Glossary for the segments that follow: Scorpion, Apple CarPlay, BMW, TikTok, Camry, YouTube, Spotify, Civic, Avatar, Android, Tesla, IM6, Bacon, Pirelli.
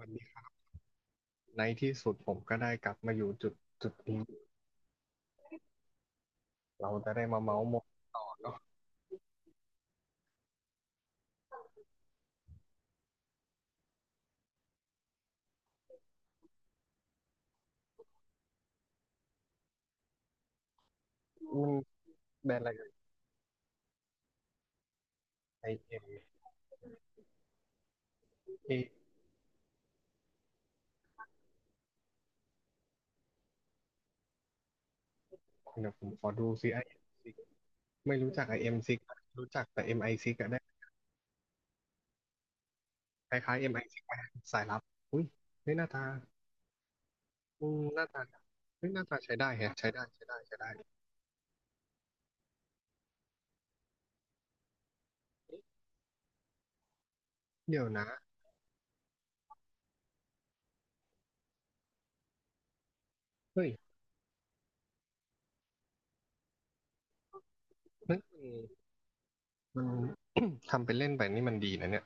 วันนี้ในที่สุดผมก็ได้กลับมาอยู่จุดนี้เราจะได้มาเมาส์มอยต่อเนาะมันแบรนด์อะไรเอ่ยไอเอ็มเอเดี๋ยวผมขอดูซิไอเอ็มซิกไม่รู้จักไอเอ็มซิกรู้จักแต่เอ็มไอซิกอะได้คล้ายๆเอ็มไอซิกสายลับอุ้ยเฮ้ยหน้าตาอืมหน้าตาเฮ้ยหน้าตาใช้ได้แฮะใช้ได้เดี๋ยวนะเฮ้ยนั่นมัน ทำเป็นเล่นไปนี่มันดีนะเนี่ย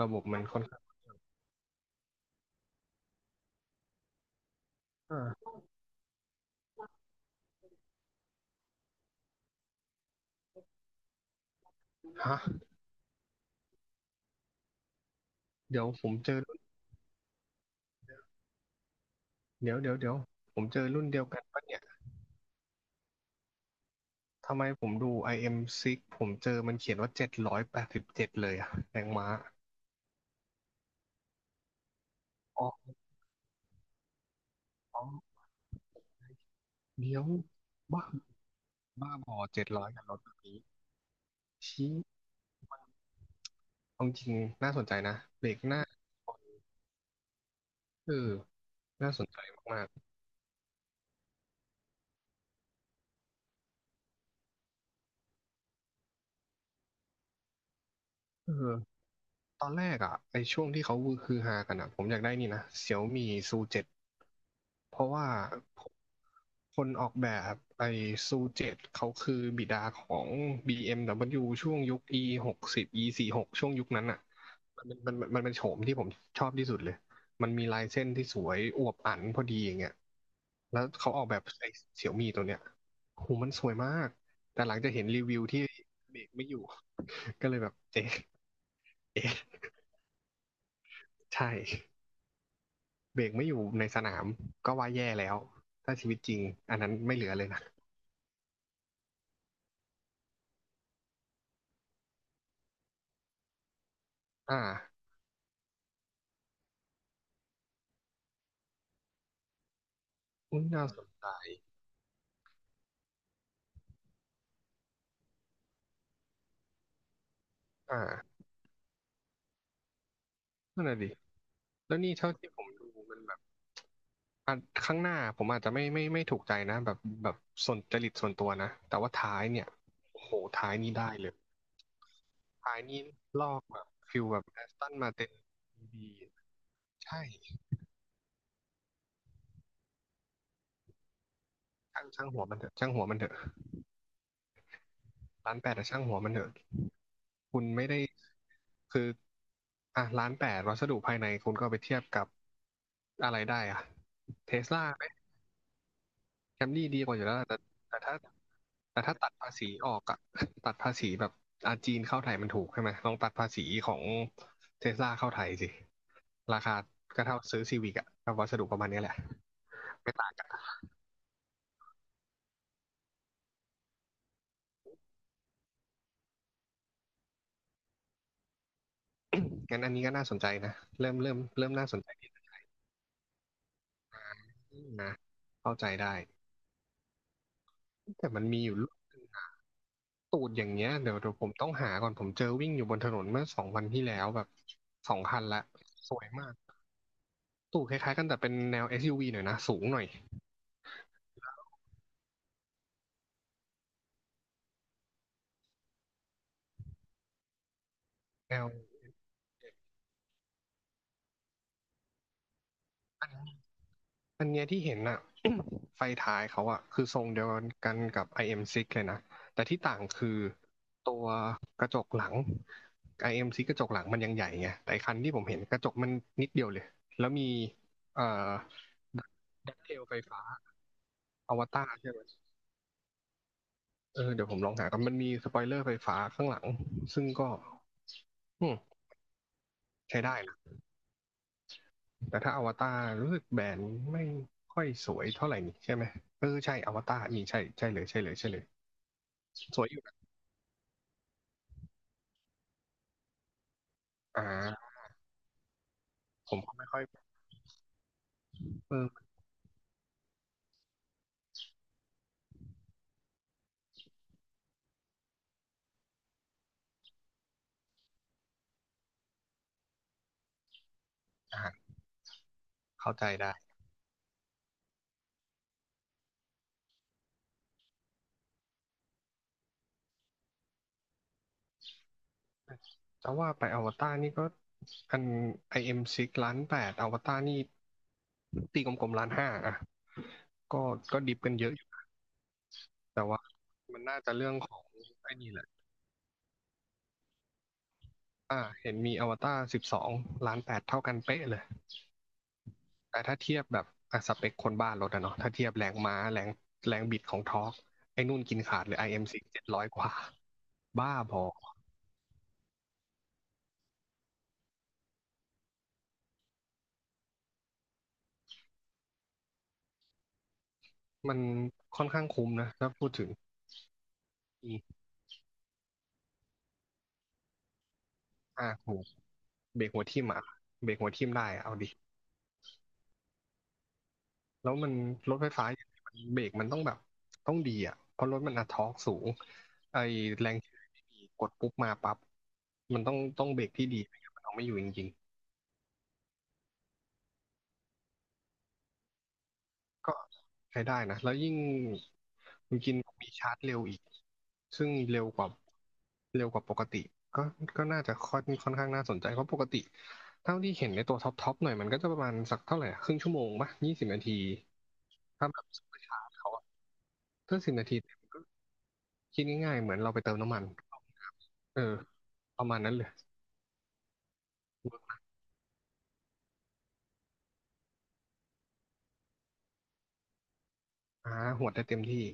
ระบบมันค่อนข้างอ่าฮะเดี๋ยวผมเจอ เดี๋ยวผมเจอรุ่นเดียวกันปะเนี่ยทำไมผมดู IM6 ผมเจอมันเขียนว่าเจ็ดร้อยแปดสิบเจ็ดเลยอะแรงม้าอ๋ออ๋อ เดี๋ยวบ้าบ้าบอเจ็ดร้อยกับรถแบบนี้ชี้เอาจริงน่าสนใจนะเบรกหน้าเออน่าสนใจมากเออ ตอนแรกอ่ะในช่วงที่เขาคือฮากันอ่ะผมอยากได้นี่นะเสี่ยวมีซูเจ็ดเพราะว่าคนออกแบบไอ้ซูเจ็ดเขาคือบิดาของ BMW ช่วงยุค E หกสิบ E สี่สิบหกช่วงยุคนั้นอ่ะมันเป็นโฉมที่ผมชอบที่สุดเลยมันมีลายเส้นที่สวยอวบอั่นพอดีอย่างเงี้ยแล้วเขาออกแบบไอ้เสี่ยวมีตัวเนี้ยโหูมันสวยมากแต่หลังจะเห็นรีวิวที่เบรกไม่อยู่ ก็เลยแบบเอ๊ะเอ๊ะใช่ เบรกไม่อยู่ในสนามก็ว่าแย่แล้วถ้าชีวิตจริงอันนั้นไม่เหลือเลยนะอ่าอุ้ยน่าสนอ่านั่นแหะดิแล้วนี่เท่าที่ผมดูมันแบบอ่ะข้างหน้าผมอาจจะไม่ถูกใจนะแบบแบบส่วนจริตส่วนตัวนะแต่ว่าท้ายเนี่ยโอ้โหท้ายนี่ได้เลยท้ายนี่ลอกแบบฟิลแบบแอสตันมาเต็นดีใช่ช่างหัวมันเถอะช่างหัวมันเถอะ ร้านแปดแต่ช่างหัวมันเถอะคุณไม่ได้ คืออ่ะร้านแปดวัสดุภายในคุณก็เอาไปเทียบกับอะไรได้อ่ะเทสลาไหมแคมรี่ดีกว่าอยู่แล้วล่ะแต่แต่ถ้าแต่ถ้าตัดภาษีออกอะ ตัดภาษีแบบอาจีนเข้าไทยมันถูกใช่ไหม ลองตัดภาษีของเทสลาเข้าไทยสิราคาก็เท่าซื้อซีวิกอะกับวัสดุประมาณเนี้ยแหละ ไม่ต่างกันงั้นอันนี้ก็น่าสนใจนะ เริ่มน่าสนใจดีนะเข้าใจได้แต่มันมีอยู่รุ่นหนึ่ง ตูดอย่างเงี้ยเดี๋ยวผมต้องหาก่อนผมเจอวิ่งอยู่บนถนนเมื่อสองวันที่แล้วแบบสองคันละสวยมากตูดคล้ายๆกันแต่เป็นแนว SUV หน่อยนะสูงหน่อยแนวอันอันเนี้ยที่เห็นอะ ไฟท้ายเขาอะคือทรงเดียวกันกับ IM6 เอ็มซิกส์เลยนะแต่ที่ต่างคือตัวกระจกหลัง IM6 กส์กระจกหลังมันยังใหญ่ไงแต่ไอ้คันที่ผมเห็นกระจกมันนิดเดียวเลยแล้วมีเอ่อดักเทลไฟฟ้าอวตารใช่ไหม เออเดี๋ยวผมลองหากันมันมีสปอยเลอร์ไฟฟ้าข้างหลังซึ่งก็อืมใช้ได้นะแต่ถ้าอวตารรู้สึกแบนไม่ค่อยสวยเท่าไหร่นี่ใช่ไหมเออใช่อวตารนี่ใช่ใช่เลยสวยอยู่นะอ่าผมก็ไม่ค่อยเอออ่านเข้าใจได้แต่ว่าไปอวตารนี่ก็อัน IM6 ล้านแปดอวตารนี่ตีกลมๆล้านห้าอ่ะก็ก็ดิบกันเยอะอยู่แต่ว่ามันน่าจะเรื่องของไอ้นี่แหละ อ่าเห็นมีอวตารสิบสองล้านแปดเท่ากันเป๊ะเลยแต่ถ้าเทียบแบบอ่ะสเปคคนบ้านรถอะเนาะถ้าเทียบแรงม้าแรงแรงบิดของทอร์กไอ้นู่นกินขาดเลย IM6 เอ็มซีเจ็ดร้อยกว่าบ้าพอมันค่อนข้างคุ้มนะถ้าพูดถึงอีห้าหกเบรกหัวทิ่มอะเบรกหัวทิ่มได้อะเอาดิแล้วมันรถไฟฟ้าอย่างเงี้ยมันเบรกมันต้องแบบต้องดีอ่ะเพราะรถมันอะทอร์กสูงไอแรงเฉื่อยไม่มีกดปุ๊บมาปั๊บมันต้องเบรกที่ดีไม่งั้นมันเอาไม่อยู่จริง ก็ใช้ได้นะแล้วยิ่งคุณกินมีชาร์จเร็วอีกซึ่งเร็วกว่าเร็วกว่าปกติก็ก็น่าจะค่อนค่อนข้างน่าสนใจเพราะปกติเท่าที่เห็นในตัวท็อปหน่อยมันก็จะประมาณสักเท่าไหร่อะครึ่งชั่วโมงปะยี่สิบนาทีถ้าแบบซุปเปอร์ชาร์จเขาอะถ้าสิบนาทีเต็มก็คิดง่ายๆเหมือนเราไปเติมน้ำมันเออประมาณนั้นเลยอ่าหวดได้เต็มที่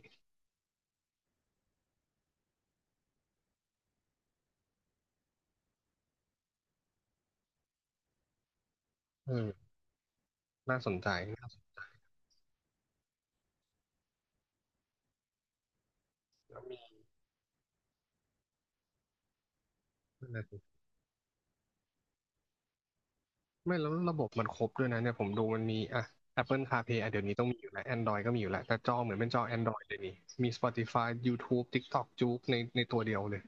เออน่าสนใจน่าสนใจแล้วมี ไม่แล้วระบบมันครบด้วยนะเนี่ยผมดูมันมีอ่ะ Apple CarPlay อ่ะเดี๋ยวนี้ต้องมีอยู่แล้ว Android ก็มีอยู่แล้วแต่จอเหมือนเป็นจอ Android เลยนี่มี Spotify YouTube TikTok จุกในตัวเดียวเลย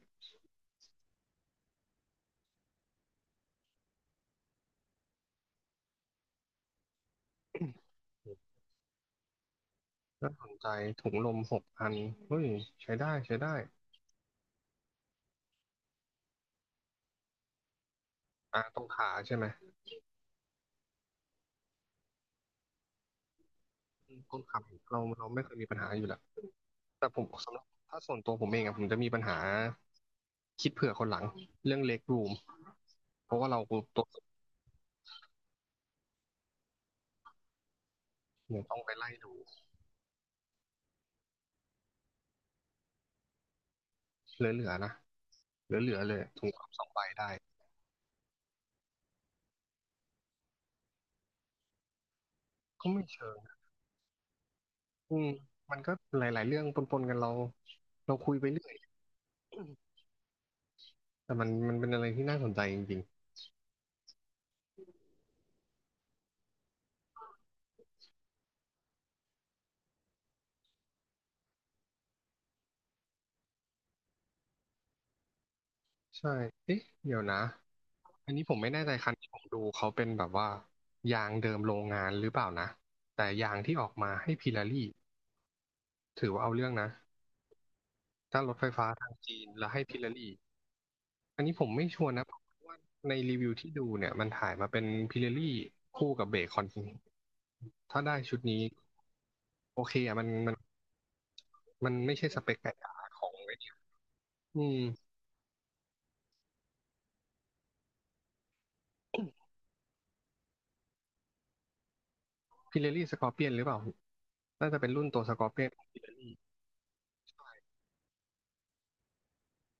น่าสนใจถุงลม6000เฮ้ยใช้ได้ใช้ได้อ่ะตรงขาใช่ไหมต้นขาเราไม่เคยมีปัญหาอยู่แล้วแต่ผมสำหรับถ้าส่วนตัวผมเองอะผมจะมีปัญหาคิดเผื่อคนหลังเรื่องเล็กรูมเพราะว่าเราตัวเนี่ยต้องไปไล่ดูเหลือๆนะเหลือๆเลยถุงลม2ใบได้ก็ไม่เชิง อืมมันก็หลายๆเรื่องปนๆกันเราเราคุยไปเรื่อยแต่มันเป็นอะไรที่น่าสนใจจริงๆใช่เอ๊ะเดี๋ยวนะอันนี้ผมไม่แน่ใจคันที่ผมดูเขาเป็นแบบว่ายางเดิมโรงงานหรือเปล่านะแต่ยางที่ออกมาให้พิลารี่ถือว่าเอาเรื่องนะถ้ารถไฟฟ้าทางจีนแล้วให้พิลารี่อันนี้ผมไม่ชัวร์นะเพราะว่าในรีวิวที่ดูเนี่ยมันถ่ายมาเป็นพิลารี่คู่กับเบคอนถ้าได้ชุดนี้โอเคอ่ะมัน มันไม่ใช่สเปคไก่จ๋าของไอ้นี่อืมพิเรลี่สกอร์เปียนหรือเปล่าน่าจะเป็นรุ่นตัวสกอร์เปียนของพิเรลี่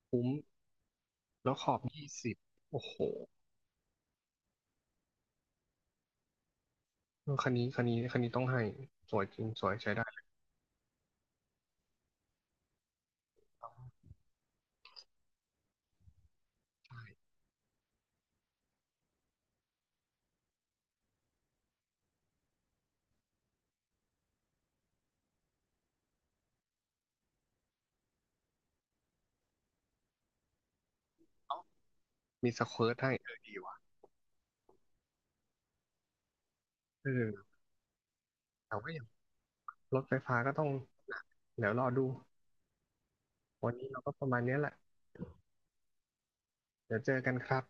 คุ้มแล้วขอบ20โอ้โหคันนี้ต้องให้สวยจริงสวยใช้ได้มีสเคิร์ตให้เออดีว่ะเออแต่ว่าอย่างรถไฟฟ้าก็ต้องเดี๋ยวรอดู วันนี้เราก็ประมาณเนี้ยแหละเดี๋ยวเจอกันครับ